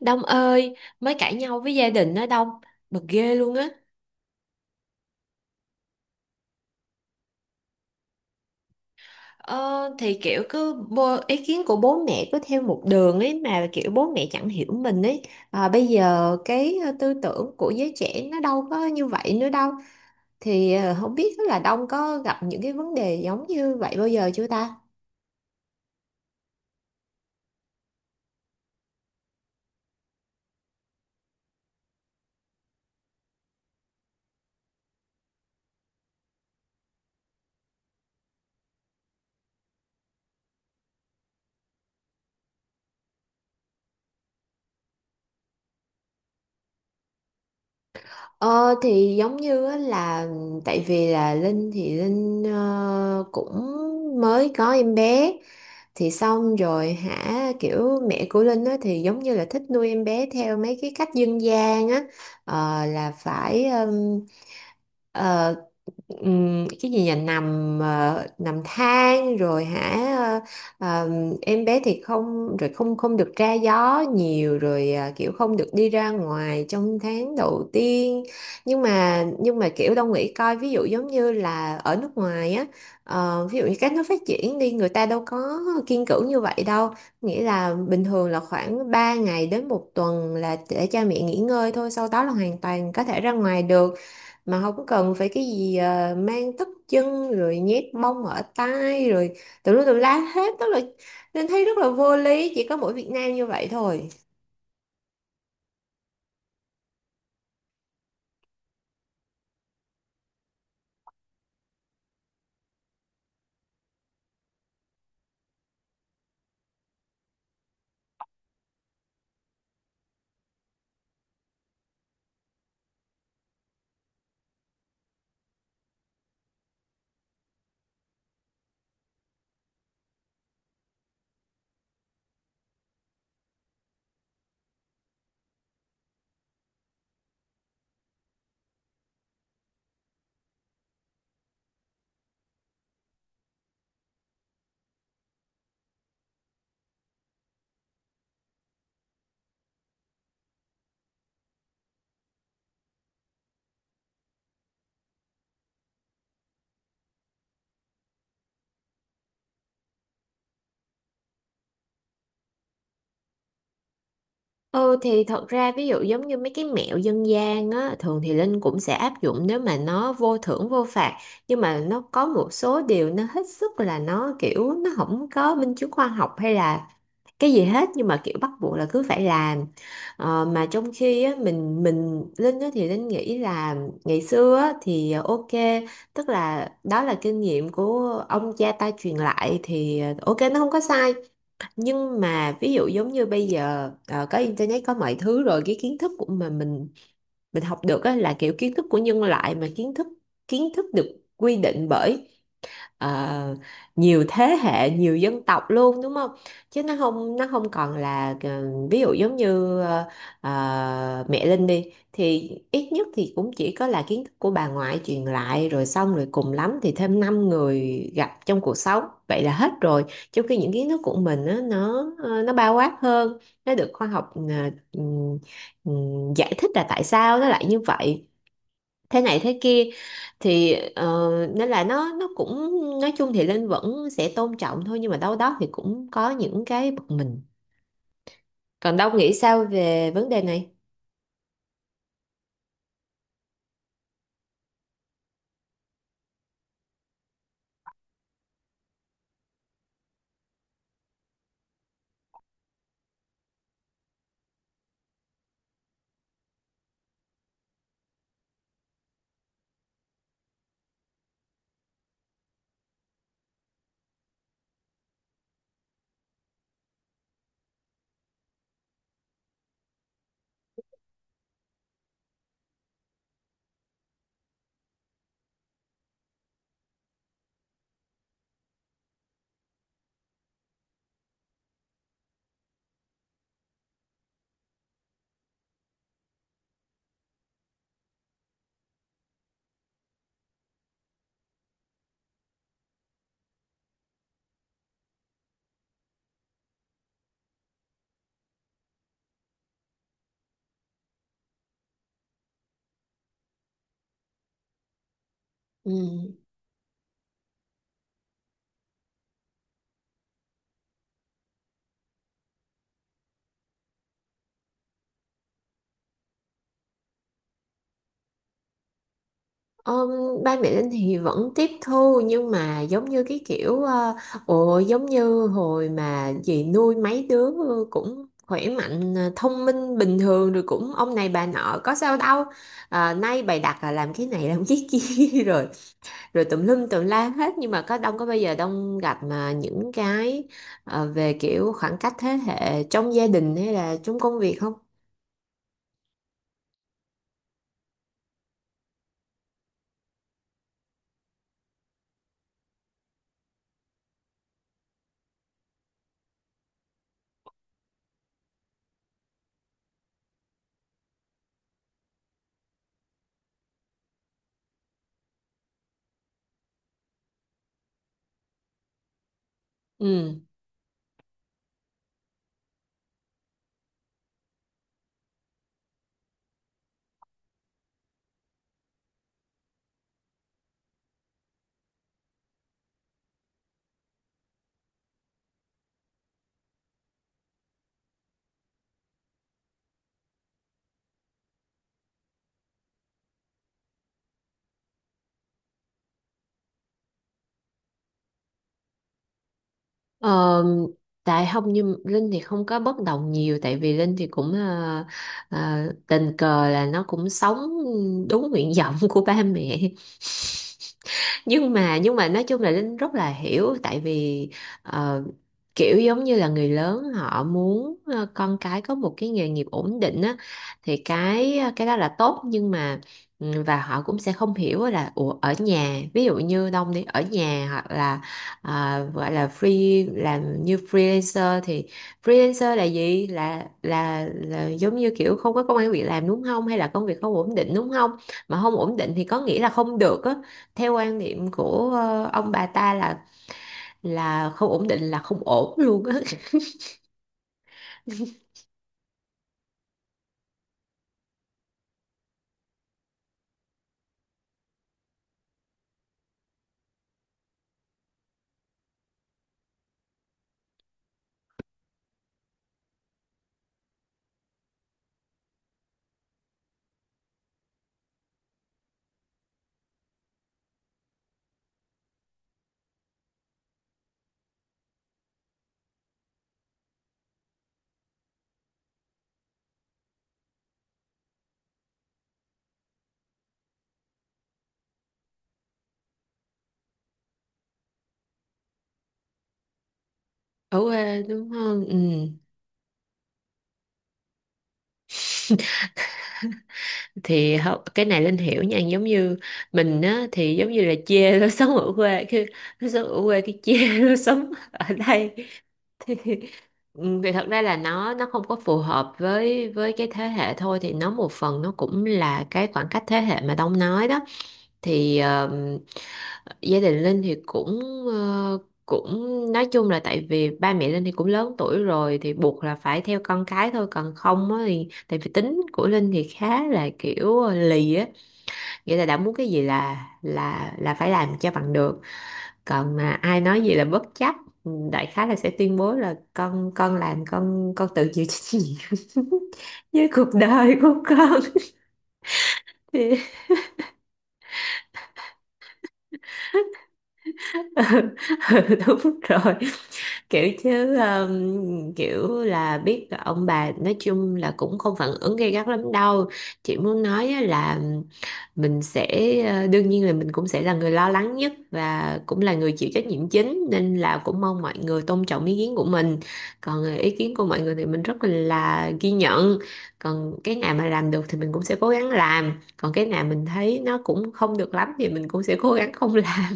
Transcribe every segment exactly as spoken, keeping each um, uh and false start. Đông ơi, mới cãi nhau với gia đình đó Đông, bực ghê luôn á. Ờ, thì kiểu cứ bô- ý kiến của bố mẹ cứ theo một đường ấy, mà kiểu bố mẹ chẳng hiểu mình ấy. À, bây giờ cái ờ, tư tưởng của giới trẻ nó đâu có như vậy nữa đâu. Thì ờ, không biết là Đông có gặp những cái vấn đề giống như vậy bao giờ chưa ta? Ờ thì giống như á là tại vì là Linh thì Linh ờ, cũng mới có em bé, thì xong rồi hả, kiểu mẹ của Linh á thì giống như là thích nuôi em bé theo mấy cái cách dân gian á. Ờ, là phải um, ừm, cái gì nhỉ, nằm ờ, nằm than rồi hả, ờ, ờm, em bé thì không rồi không không được ra gió nhiều rồi à, kiểu không được đi ra ngoài trong tháng đầu tiên. Nhưng mà nhưng mà kiểu Đông nghĩ coi, ví dụ giống như là ở nước ngoài á, ờ, ví dụ như các nước phát triển đi, người ta đâu có kiêng cữ như vậy đâu. Nghĩa là bình thường là khoảng ba ngày đến một tuần là để cha mẹ nghỉ ngơi thôi, sau đó là hoàn toàn có thể ra ngoài được mà không có cần phải cái gì ờ, mang tất chân rồi nhét mông ở tai rồi tùm lum tùm la hết, tức là nên thấy rất là vô lý, chỉ có mỗi Việt Nam như vậy thôi. Ừ thì thật ra ví dụ giống như mấy cái mẹo dân gian á, thường thì Linh cũng sẽ áp dụng nếu mà nó vô thưởng vô phạt, nhưng mà nó có một số điều nó hết sức là nó kiểu nó không có minh chứng khoa học hay là cái gì hết, nhưng mà kiểu bắt buộc là cứ phải làm. Ờ, mà trong khi á, mình mình Linh á, thì Linh nghĩ là ngày xưa á, thì ờ, ok, tức là đó là kinh nghiệm của ông cha ta truyền lại, thì ờ, ok, nó không có sai. Nhưng mà ví dụ giống như bây giờ ờ, có internet có mọi thứ rồi, cái kiến thức của mà mình mình học được á, là kiểu kiến thức của nhân loại, mà kiến thức kiến thức được quy định bởi ờ, nhiều thế hệ, nhiều dân tộc luôn, đúng không? Chứ nó không nó không còn là ờ, ví dụ giống như ờ, ờ, mẹ Linh đi thì ít nhất thì cũng chỉ có là kiến thức của bà ngoại truyền lại, rồi xong rồi cùng lắm thì thêm năm người gặp trong cuộc sống, vậy là hết rồi. Trong khi những kiến thức của mình á, nó ờ, nó bao quát hơn, nó được khoa học ờ, ừm, ừm, giải thích là tại sao nó lại như vậy, thế này thế kia. thì ờ, Nên là nó nó cũng, nói chung thì Linh vẫn sẽ tôn trọng thôi, nhưng mà đâu đó thì cũng có những cái bực mình. Còn Đông nghĩ sao về vấn đề này? Ừ. Ờm, ba mẹ Linh thì vẫn tiếp thu, nhưng mà giống như cái kiểu ờ, ồ giống như hồi mà dì nuôi mấy đứa cũng khỏe mạnh, ờ, thông minh bình thường rồi cũng ông này bà nọ có sao đâu, à, nay bày đặt là làm cái này làm cái kia rồi rồi tùm lum tùm la hết. Nhưng mà có đông có bao giờ đông gặp mà những cái ờ, về kiểu khoảng cách thế hệ trong gia đình hay là trong công việc không? Ừ. Ờ, tại không, như Linh thì không có bất đồng nhiều, tại vì Linh thì cũng ờ, ờ, tình cờ là nó cũng sống đúng nguyện vọng của ba mẹ. Nhưng mà nhưng mà nói chung là Linh rất là hiểu, tại vì ờ, kiểu giống như là người lớn họ muốn ờ, con cái có một cái nghề nghiệp ổn định á, thì cái ờ, cái đó là tốt, nhưng mà ừ, và họ cũng sẽ không hiểu là, ủa ở nhà ví dụ như Đông đi ở nhà, hoặc là ờ, gọi là free, làm như freelancer thì freelancer là gì, là là là giống như kiểu không có công ăn việc làm đúng không, hay là công việc không ổn định đúng không, mà không ổn định thì có nghĩa là không được á, theo quan niệm của ờ, ông bà ta là là không ổn định là không ổn luôn á. Ở quê đúng không, ừ. Thì hậu- cái này Linh hiểu nha, giống như mình á thì giống như là chê nó sống ở quê, khi nó sống ở quê cái chê nó sống ở đây. thì, ừ, thì thật ra là nó nó không có phù hợp với với cái thế hệ thôi, thì nó một phần nó cũng là cái khoảng cách thế hệ mà Đông nói đó. thì ờ, Gia đình Linh thì cũng ờ, cũng nói chung là, tại vì ba mẹ Linh thì cũng lớn tuổi rồi thì buộc là phải theo con cái thôi, còn không á thì tại vì tính của Linh thì khá là kiểu lì á, nghĩa là đã muốn cái gì là là là phải làm cho bằng được, còn mà ai nói gì là bất chấp. Ừ, đại khái là sẽ tuyên bố là con con làm con con tự chịu trách nhiệm với cuộc đời của con. Thì ừ, đúng rồi, kiểu chứ um, kiểu là biết là ông bà nói chung là cũng không phản ứng gay gắt lắm đâu. Chị muốn nói á là mình sẽ ờ, đương nhiên là mình cũng sẽ là người lo lắng nhất và cũng là người chịu trách nhiệm chính, nên là cũng mong mọi người tôn trọng ý kiến của mình. Còn ờ, ý kiến của mọi người thì mình rất là ghi nhận, còn cái nào mà làm được thì mình cũng sẽ cố gắng làm, còn cái nào mình thấy nó cũng không được lắm thì mình cũng sẽ cố gắng không làm.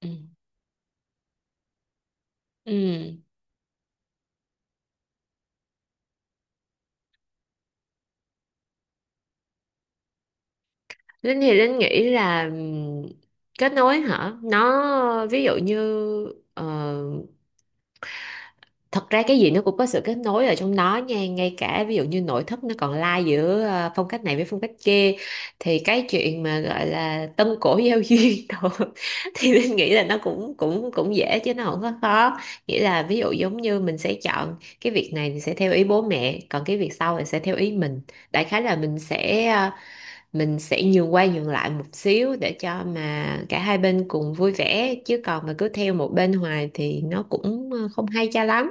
Ừ. Ừ. Linh thì Linh nghĩ là ừm, kết nối hả? Nó ví dụ như ờ, thật ra cái gì nó cũng có sự kết nối ở trong đó nha, ngay cả ví dụ như nội thất nó còn lai giữa ờ, phong cách này với phong cách kia, thì cái chuyện mà gọi là tân cổ giao duyên đồ, thì Linh nghĩ là nó cũng cũng cũng dễ chứ nó không có khó. Nghĩa là ví dụ giống như mình sẽ chọn cái việc này thì sẽ theo ý bố mẹ, còn cái việc sau thì sẽ theo ý mình. Đại khái là mình sẽ ờ, mình sẽ nhường qua nhường lại một xíu để cho mà cả hai bên cùng vui vẻ, chứ còn mà cứ theo một bên hoài thì nó cũng ờ, không hay cho lắm.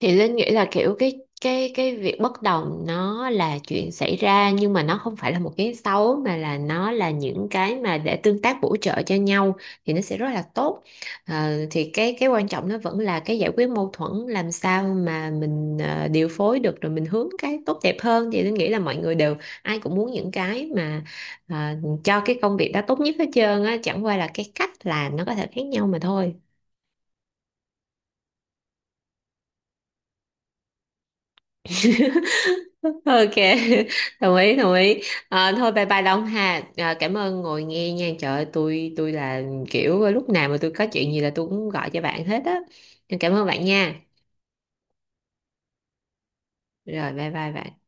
Thì Linh nghĩ là kiểu cái cái cái việc bất đồng nó là chuyện xảy ra, nhưng mà nó không phải là một cái xấu, mà là nó là những cái mà để tương tác bổ trợ cho nhau, thì nó sẽ rất là tốt. Ờ, thì cái cái quan trọng nó vẫn là cái giải quyết mâu thuẫn, làm sao mà mình ờ, điều phối được rồi mình hướng cái tốt đẹp hơn, thì Linh nghĩ là mọi người đều, ai cũng muốn những cái mà ờ, cho cái công việc đó tốt nhất hết trơn á, chẳng qua là cái cách làm nó có thể khác nhau mà thôi. Ok. Đồng ý, đồng ý. À, thôi bye bye Đông ha, à, cảm ơn ngồi nghe nha, trời ơi, tôi tôi là kiểu lúc nào mà tôi có chuyện gì là tôi cũng gọi cho bạn hết á, cảm ơn bạn nha. Rồi bye bye bạn.